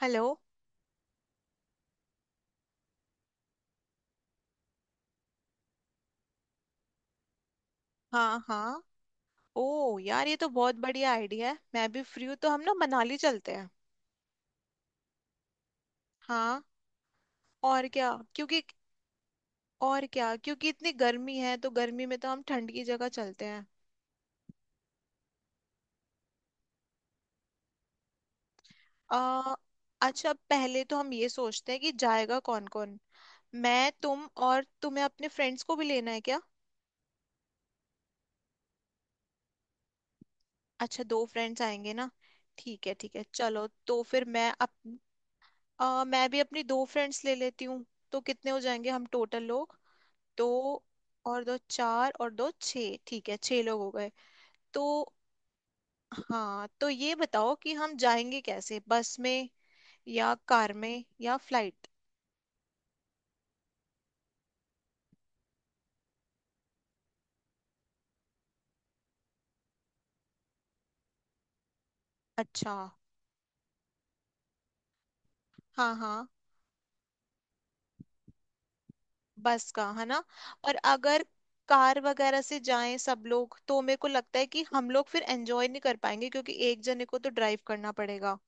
Hello. हाँ हाँ। ओ यार, ये तो बहुत बढ़िया आइडिया है। मैं भी फ्री हूँ, तो हम ना मनाली चलते हैं। हाँ। और क्या क्योंकि और क्या क्योंकि इतनी गर्मी है, तो गर्मी में तो हम ठंड की जगह चलते हैं। आ, अच्छा, पहले तो हम ये सोचते हैं कि जाएगा कौन कौन। मैं, तुम, और तुम्हें अपने फ्रेंड्स को भी लेना है क्या? अच्छा, दो फ्रेंड्स आएंगे ना। ठीक है ठीक है, चलो तो फिर मैं मैं भी अपनी दो फ्रेंड्स ले लेती हूँ। तो कितने हो जाएंगे हम टोटल लोग? दो और दो चार, और दो छः। ठीक है, छः लोग हो गए। तो हाँ, तो ये बताओ कि हम जाएंगे कैसे, बस में या कार में या फ्लाइट? अच्छा। हाँ हाँ। बस का है ना। और अगर कार वगैरह से जाएं सब लोग तो मेरे को लगता है कि हम लोग फिर एंजॉय नहीं कर पाएंगे, क्योंकि एक जने को तो ड्राइव करना पड़ेगा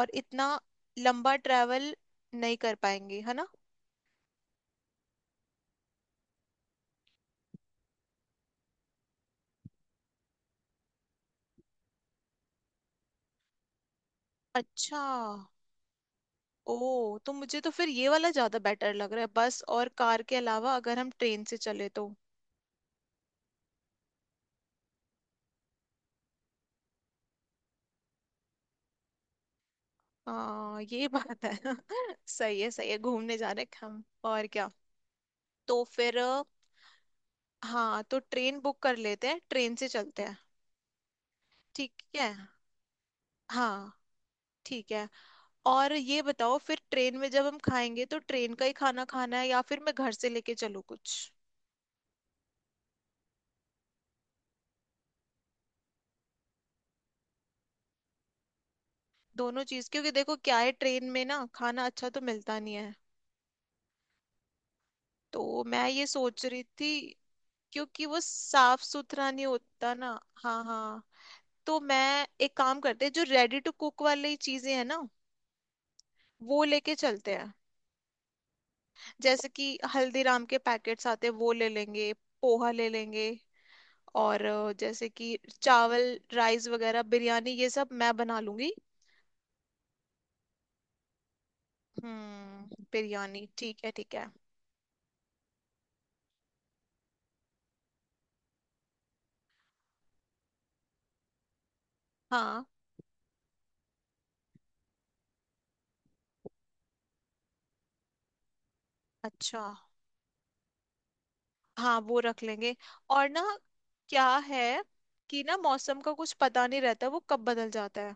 और इतना लंबा ट्रैवल नहीं कर पाएंगे, है ना। अच्छा। ओ, तो मुझे तो फिर ये वाला ज्यादा बेटर लग रहा है, बस और कार के अलावा अगर हम ट्रेन से चले तो। हाँ ये बात है। सही है सही है, घूमने जा रहे हैं हम। और क्या। तो फिर हाँ, तो ट्रेन बुक कर लेते हैं, ट्रेन से चलते हैं। ठीक है। हाँ। ठीक है। और ये बताओ, फिर ट्रेन में जब हम खाएंगे तो ट्रेन का ही खाना खाना है या फिर मैं घर से लेके चलूँ कुछ? दोनों चीज, क्योंकि देखो क्या है, ट्रेन में ना खाना अच्छा तो मिलता नहीं है। तो मैं ये सोच रही थी, क्योंकि वो साफ सुथरा नहीं होता ना। हाँ हाँ। तो मैं एक काम करते हैं, जो रेडी टू कुक वाली चीजें हैं ना, वो लेके चलते हैं। जैसे कि हल्दीराम के पैकेट्स आते हैं, वो ले लेंगे। पोहा ले लेंगे। और जैसे कि चावल राइस वगैरह, बिरयानी, ये सब मैं बना लूंगी। हम्म, बिरयानी ठीक है ठीक है। हाँ। अच्छा। हाँ वो रख लेंगे। और ना, क्या है कि ना, मौसम का कुछ पता नहीं रहता, वो कब बदल जाता है।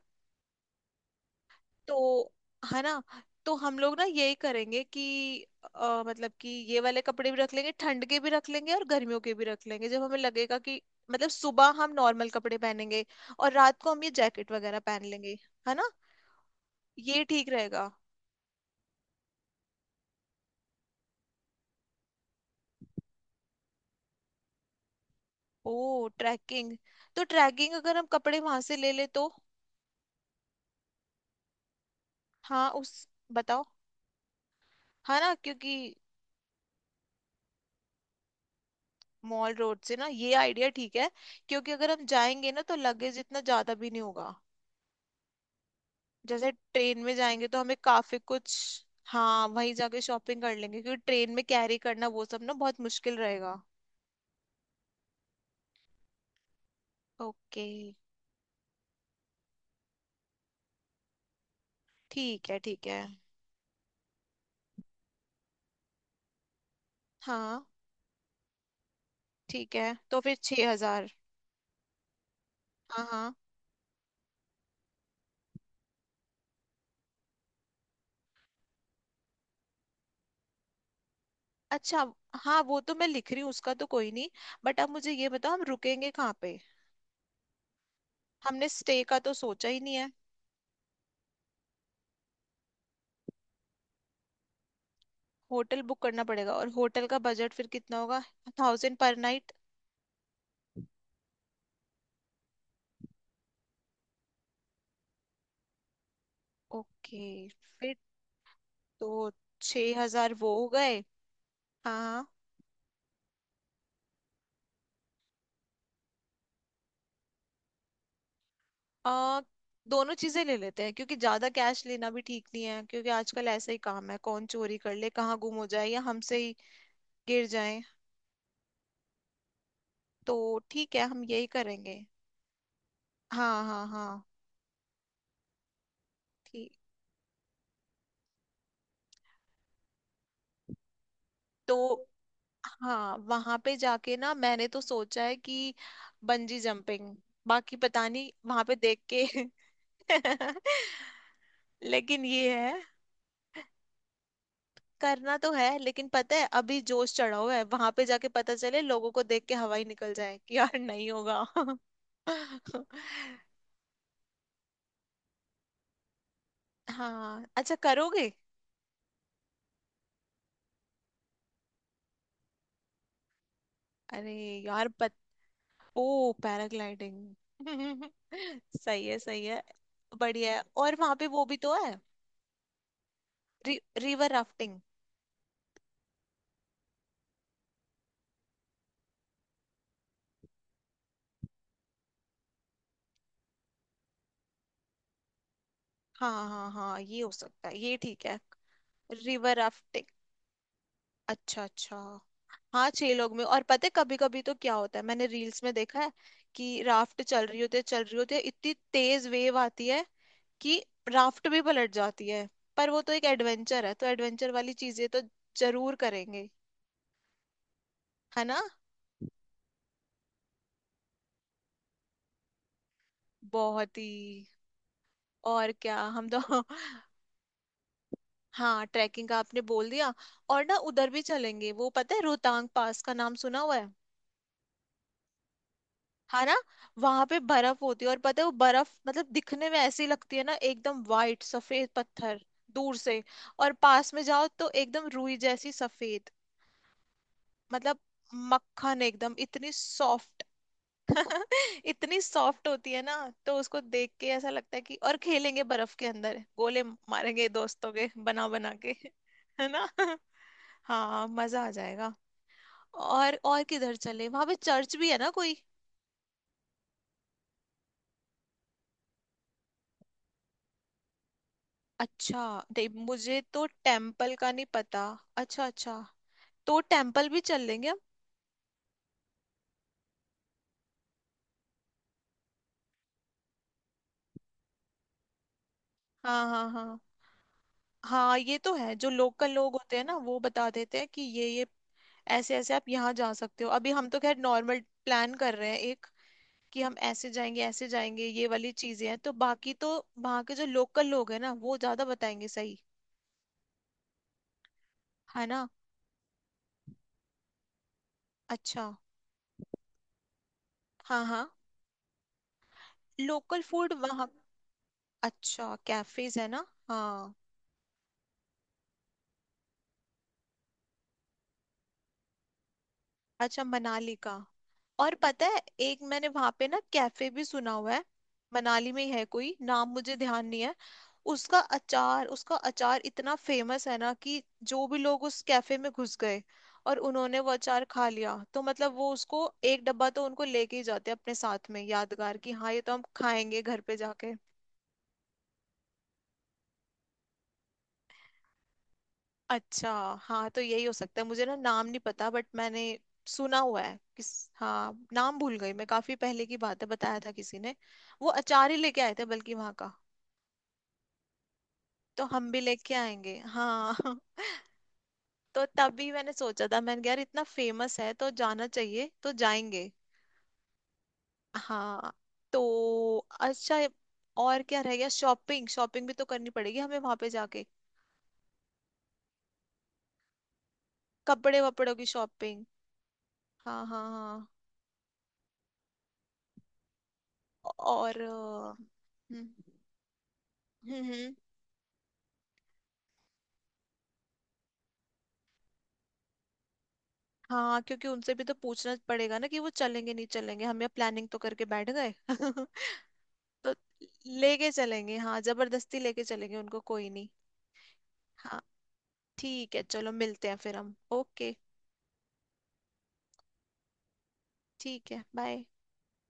तो, है ना। तो हम लोग ना यही करेंगे कि मतलब कि ये वाले कपड़े भी रख लेंगे, ठंड के भी रख लेंगे और गर्मियों के भी रख लेंगे, जब हमें लगेगा कि, मतलब सुबह हम नॉर्मल कपड़े पहनेंगे और रात को हम ये जैकेट वगैरह पहन लेंगे। है ना। ये ठीक रहेगा। ओ ट्रैकिंग। तो ट्रैकिंग अगर हम कपड़े वहां से ले ले तो। हाँ उस। बताओ। है ना, क्योंकि। मॉल रोड से ना, ये आइडिया ठीक है। क्योंकि अगर हम जाएंगे ना तो लगेज इतना ज्यादा भी नहीं होगा। जैसे ट्रेन में जाएंगे तो हमें काफी कुछ। हाँ वहीं जाके शॉपिंग कर लेंगे, क्योंकि ट्रेन में कैरी करना वो सब ना बहुत मुश्किल रहेगा। ओके। ठीक है ठीक है। हाँ। ठीक है तो फिर छह हजार। हाँ हाँ। अच्छा। हाँ वो तो मैं लिख रही हूँ, उसका तो कोई नहीं। बट अब मुझे ये बताओ, हम रुकेंगे कहाँ पे? हमने स्टे का तो सोचा ही नहीं है। होटल बुक करना पड़ेगा और होटल का बजट फिर कितना होगा? Thousand per night. ओके। फिर। तो छह हजार वो हो गए। हाँ हाँ। आ, दोनों चीजें ले लेते हैं, क्योंकि ज्यादा कैश लेना भी ठीक नहीं है, क्योंकि आजकल ऐसा ही काम है, कौन चोरी कर ले, कहाँ गुम हो जाए, या हमसे ही गिर जाए। तो ठीक है, हम यही करेंगे। हाँ हाँ हाँ। ठीक। तो हाँ, वहां पे जाके ना मैंने तो सोचा है कि बंजी जंपिंग। बाकी पता नहीं वहां पे देख के। लेकिन ये है, करना तो है, लेकिन पता है अभी जोश चढ़ा हुआ है, वहां पे जाके पता चले लोगों को देख के हवा ही निकल जाए कि यार नहीं होगा। हाँ अच्छा करोगे। अरे यार ओ पैराग्लाइडिंग। सही है सही है। बढ़िया है, और वहां पे वो भी तो है, रिवर राफ्टिंग। हाँ हाँ हाँ, ये हो सकता है, ये ठीक है। River rafting. अच्छा अच्छा। हाँ छह लोग में। और पता है कभी कभी तो क्या होता है, मैंने रील्स में देखा है कि राफ्ट चल रही होती है, चल रही होती है, इतनी तेज वेव आती है कि राफ्ट भी पलट जाती है। पर वो तो एक एडवेंचर है, तो एडवेंचर वाली चीजें तो जरूर करेंगे। है ना। बहुत ही। और क्या हम तो। हाँ, ट्रैकिंग का आपने बोल दिया। और ना, उधर भी चलेंगे, वो पता है रोहतांग पास का नाम सुना हुआ है। हाँ ना। वहां पे बर्फ होती है, और पता है वो बर्फ मतलब दिखने में ऐसी लगती है ना, एकदम वाइट सफेद पत्थर। दूर से। और पास में जाओ तो एकदम रुई जैसी सफेद। मतलब मक्खन, एकदम इतनी सॉफ्ट। इतनी सॉफ्ट होती है ना। तो उसको देख के ऐसा लगता है कि और खेलेंगे बर्फ के अंदर, गोले मारेंगे दोस्तों के, बना बना के। है ना। हाँ मजा आ जाएगा। और किधर चले, वहां पे चर्च भी है ना कोई? अच्छा। नहीं, मुझे तो टेम्पल का नहीं पता। अच्छा अच्छा। तो टेम्पल भी चल लेंगे हम। हाँ हाँ हाँ। हाँ ये तो है, जो लोकल लोग होते हैं ना वो बता देते हैं कि ये ऐसे ऐसे आप यहाँ जा सकते हो। अभी हम तो खैर नॉर्मल प्लान कर रहे हैं, एक कि हम ऐसे जाएंगे ऐसे जाएंगे, ये वाली चीजें हैं, तो बाकी तो वहाँ के जो लोकल लोग हैं ना वो ज्यादा बताएंगे सही। है ना। अच्छा। हाँ हाँ। लोकल फूड वहाँ। अच्छा, कैफेज है ना। हाँ। अच्छा, मनाली का। और पता है एक मैंने वहां पे ना कैफे भी सुना हुआ है। मनाली में ही है, कोई नाम मुझे ध्यान नहीं है। उसका अचार, उसका अचार इतना फेमस है ना कि जो भी लोग उस कैफे में घुस गए और उन्होंने वो अचार खा लिया, तो मतलब वो उसको एक डब्बा तो उनको लेके ही जाते हैं अपने साथ में यादगार, कि हाँ ये तो हम खाएंगे घर पे जाके। अच्छा। हाँ तो यही हो सकता है, मुझे ना नाम नहीं पता, बट मैंने सुना हुआ है किस। हाँ, नाम भूल गई मैं, काफी पहले की बात है, बताया था किसी ने। वो अचार ही लेके आए थे बल्कि वहां का। तो हम भी लेके आएंगे हाँ। तो तभी मैंने सोचा था, मैंने कहा, यार इतना फेमस है तो जाना चाहिए, तो जाएंगे। हाँ। तो अच्छा। और क्या रह गया, शॉपिंग, शॉपिंग भी तो करनी पड़ेगी हमें वहां पे जाके। कपड़े वपड़ों की शॉपिंग। हाँ हाँ हाँ। और हम्म हम्म हम्म। हाँ क्योंकि उनसे भी तो पूछना पड़ेगा ना कि वो चलेंगे नहीं चलेंगे, हम यहाँ प्लानिंग तो करके बैठ गए। तो लेके चलेंगे, हाँ जबरदस्ती लेके चलेंगे उनको, कोई नहीं। हाँ। ठीक है चलो, मिलते हैं फिर हम। ओके ठीक है। बाय।